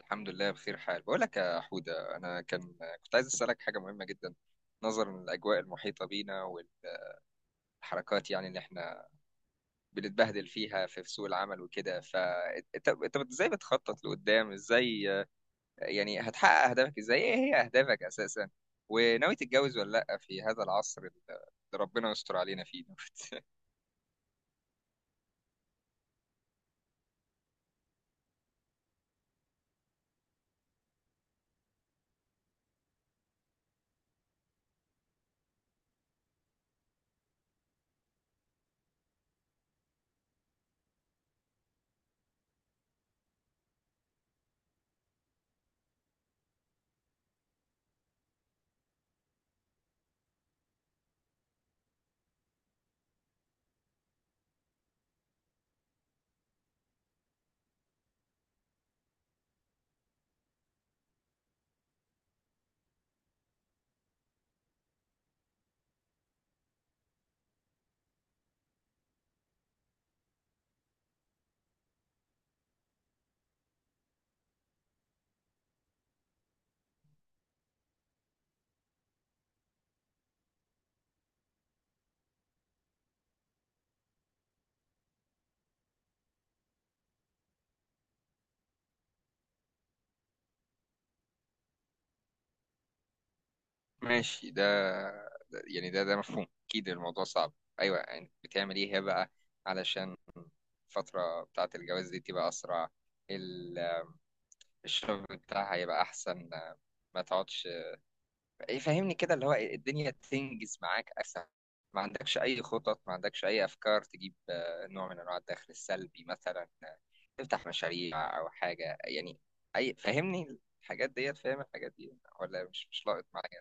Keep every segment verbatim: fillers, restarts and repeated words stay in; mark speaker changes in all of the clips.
Speaker 1: الحمد لله بخير حال. بقول لك يا حودة، أنا كان كنت عايز أسألك حاجة مهمة جدا نظرا للأجواء المحيطة بينا والحركات، يعني، اللي احنا بنتبهدل فيها في في سوق العمل وكده. فأنت أنت بت- إزاي بتخطط لقدام؟ إزاي آه، يعني هتحقق أهدافك؟ إزاي؟ إيه هي أهدافك أساسا؟ وناوي تتجوز ولا لأ في هذا العصر اللي ربنا يستر علينا فيه؟ ماشي. ده ده- يعني ده ده مفهوم، اكيد الموضوع صعب. ايوه، يعني بتعمل ايه هي بقى علشان الفتره بتاعه الجواز دي تبقى اسرع، ال- الشغل بتاعها يبقى احسن، ما تقعدش؟ إيه، فهمني كده اللي هو الدنيا تنجز معاك اسهل. ما عندكش اي خطط؟ ما عندكش اي افكار تجيب آه، نوع من انواع الدخل السلبي مثلا؟ آه، تفتح مشاريع او حاجه يعني؟ اي فهمني الحاجات ديت، فاهم الحاجات دي ولا مش مش لاقط معايا؟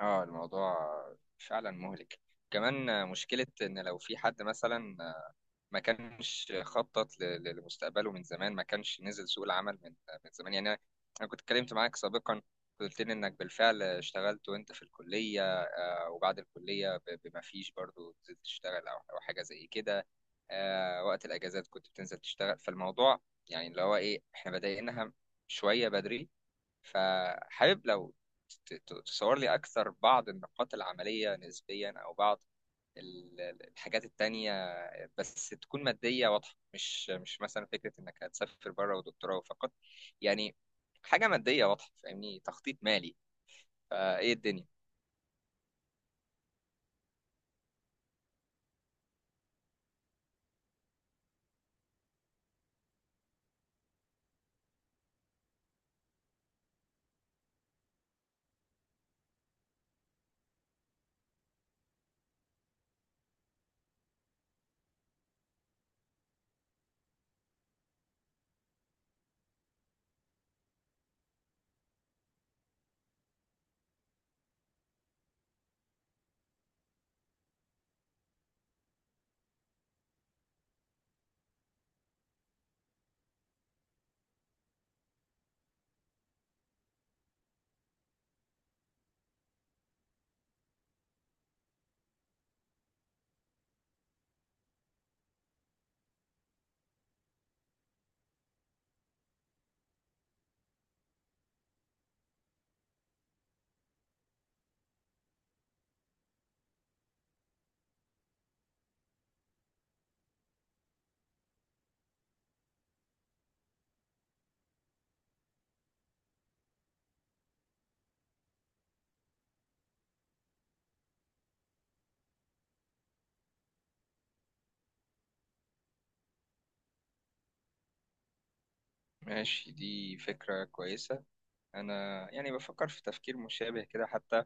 Speaker 1: اه، الموضوع فعلا مهلك. كمان مشكلة إن لو في حد مثلا ما كانش خطط ل- ل- لمستقبله من زمان، ما كانش نزل سوق العمل من من زمان. يعني أنا أنا كنت اتكلمت معاك سابقا، قلت لي إنك بالفعل اشتغلت وأنت في الكلية، آه، وبعد الكلية ب- بما فيش برضو نزلت تشتغل أو أو حاجة زي كده. آه، وقت الأجازات كنت بتنزل تشتغل. فالموضوع يعني اللي هو إيه، إحنا بدأناها شوية بدري. فحابب لو ت- ت- تصور لي أكثر بعض النقاط العملية نسبيا، أو بعض ال- ال- الحاجات التانية، بس تكون مادية واضحة. مش مش مثلا فكرة إنك هتسافر بره ودكتوراه فقط، يعني حاجة مادية واضحة، فاهمني، تخطيط مالي. فإيه الدنيا؟ ماشي، دي فكرة كويسة. أنا يعني بفكر في تفكير مشابه كده حتى،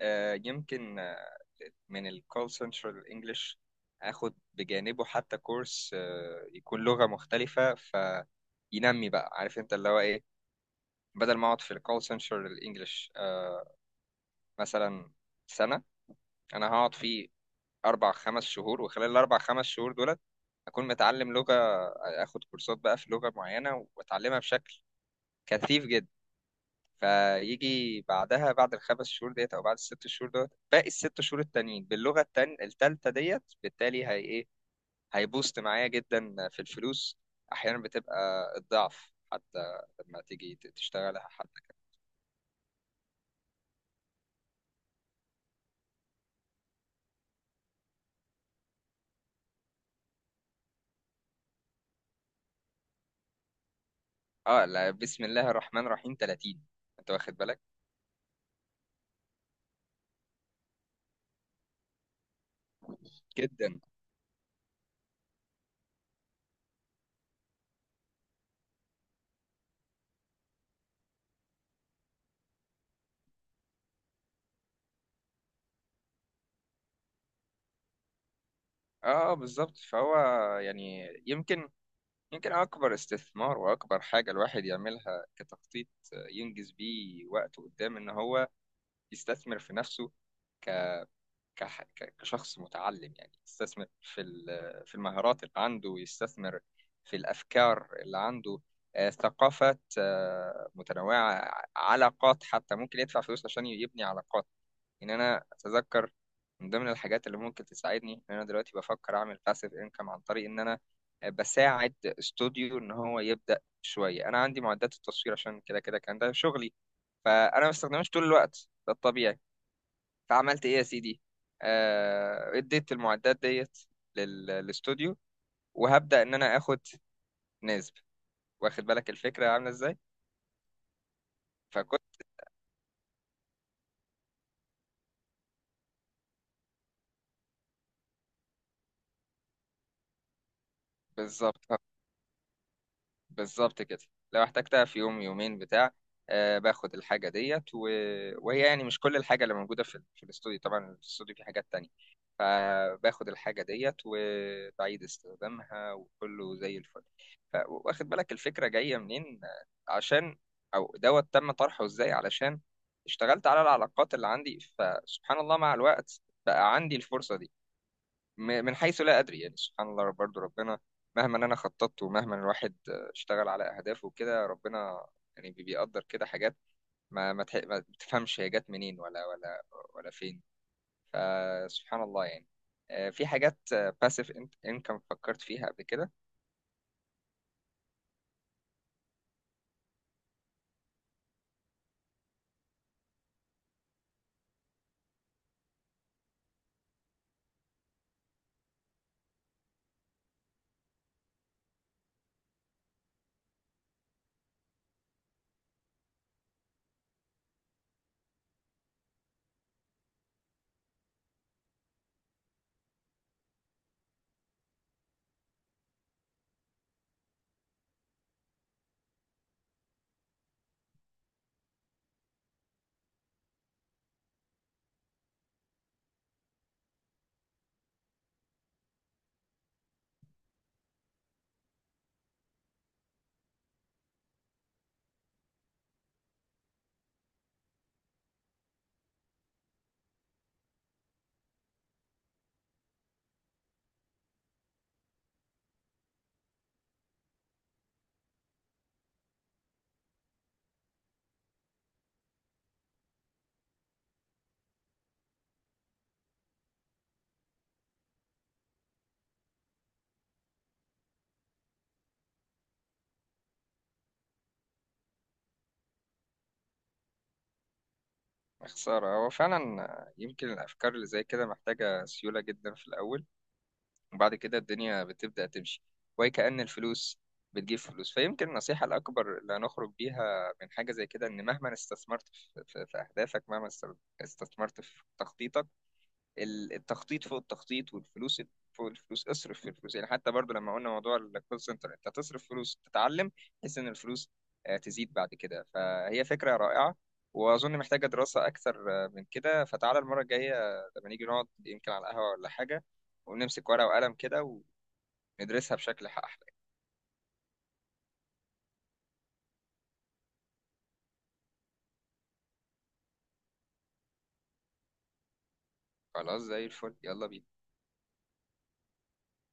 Speaker 1: آه، يمكن من الكول سنترال انجلش اخد بجانبه حتى كورس، آه، يكون لغة مختلفة فينمي بقى، عارف انت اللي هو ايه. بدل ما اقعد في الكول سنترال انجلش مثلا سنة، انا هقعد فيه اربع خمس شهور، وخلال الاربع خمس شهور دولت اكون متعلم لغة، اخد كورسات بقى في لغة معينة واتعلمها بشكل كثيف جدا، فيجي بعدها بعد الخمس شهور ديت او بعد الست شهور ديت، باقي الست شهور التانيين باللغة التان- التالتة ديت. بالتالي هي إيه؟ هيبوست معايا جدا في الفلوس، احيانا بتبقى الضعف حتى لما تيجي ت- تشتغلها حتى. اه لا، بسم الله الرحمن الرحيم، تلاتين! انت واخد بالك؟ جدا. اه بالظبط. فهو يعني يمكن، يمكن اكبر استثمار واكبر حاجه الواحد يعملها كتخطيط ينجز بيه وقته قدام، ان هو يستثمر في نفسه ك كح... ك- كشخص متعلم، يعني يستثمر في ال- في المهارات اللي عنده، ويستثمر في الأفكار اللي عنده، آه، ثقافات، آه، متنوعة، ع- علاقات. حتى ممكن يدفع فلوس عشان يبني علاقات. إن أنا أتذكر من ضمن الحاجات اللي ممكن تساعدني إن أنا دلوقتي بفكر أعمل باسيف إنكم، عن طريق إن أنا بساعد استوديو إن هو يبدأ شوية. أنا عندي معدات التصوير، عشان كده كده كان ده شغلي، فأنا ما بستخدمهاش طول الوقت، ده الطبيعي. فعملت ايه يا سيدي، آه، اديت المعدات ديت لل- للاستوديو، وهبدأ ان انا اخد نسب. واخد بالك الفكرة عاملة ازاي؟ فكنت بالظبط، بالظبط كده. لو احتجتها في يوم يومين بتاع، آه باخد الحاجة ديت و... وهي يعني مش كل الحاجة اللي موجودة في, في الاستوديو، طبعا الاستوديو فيه حاجات تانية، فباخد الحاجة ديت وبعيد استخدامها وكله زي الفل. ف... واخد بالك الفكرة جاية منين؟ آه، عشان أو دوت تم طرحه ازاي، علشان اشتغلت على العلاقات اللي عندي، فسبحان الله مع الوقت بقى عندي الفرصة دي، م- من حيث لا أدري. يعني سبحان الله، برضو ربنا مهما أنا خططت ومهما الواحد اشتغل على أهدافه وكده، ربنا يعني بي- بيقدر كده حاجات ما ما, تح... ما تفهمش هي جت منين ولا ولا ولا فين. فسبحان الله يعني، آه، في حاجات باسيف انكم فكرت فيها قبل كده. خسارة، هو فعلا آه، يمكن الأفكار اللي زي كده محتاجة سيولة جدا في الأول، وبعد كده الدنيا بتبدأ تمشي، وكأن الفلوس بتجيب فلوس. فيمكن النصيحة الأكبر اللي هنخرج بيها من حاجة زي كده إن مهما استثمرت في, في, في أهدافك، مهما است- استثمرت في تخطيطك، ال- التخطيط فوق التخطيط، والفلوس فوق الفلوس. اصرف في الفلوس، يعني حتى برضو لما قلنا موضوع الكول سنتر، انت تصرف فلوس تتعلم بحيث ان الفلوس، آه، تزيد بعد كده. فهي فكرة رائعة، واظن محتاجة دراسة اكثر، آه، من كده. فتعالى المرة الجاية، آه، لما نيجي نقعد يمكن على القهوة ولا حاجة، ونمسك ورقة وقلم كده وندرسها بشكل احلى. خلاص، زي الفل، يلا بينا.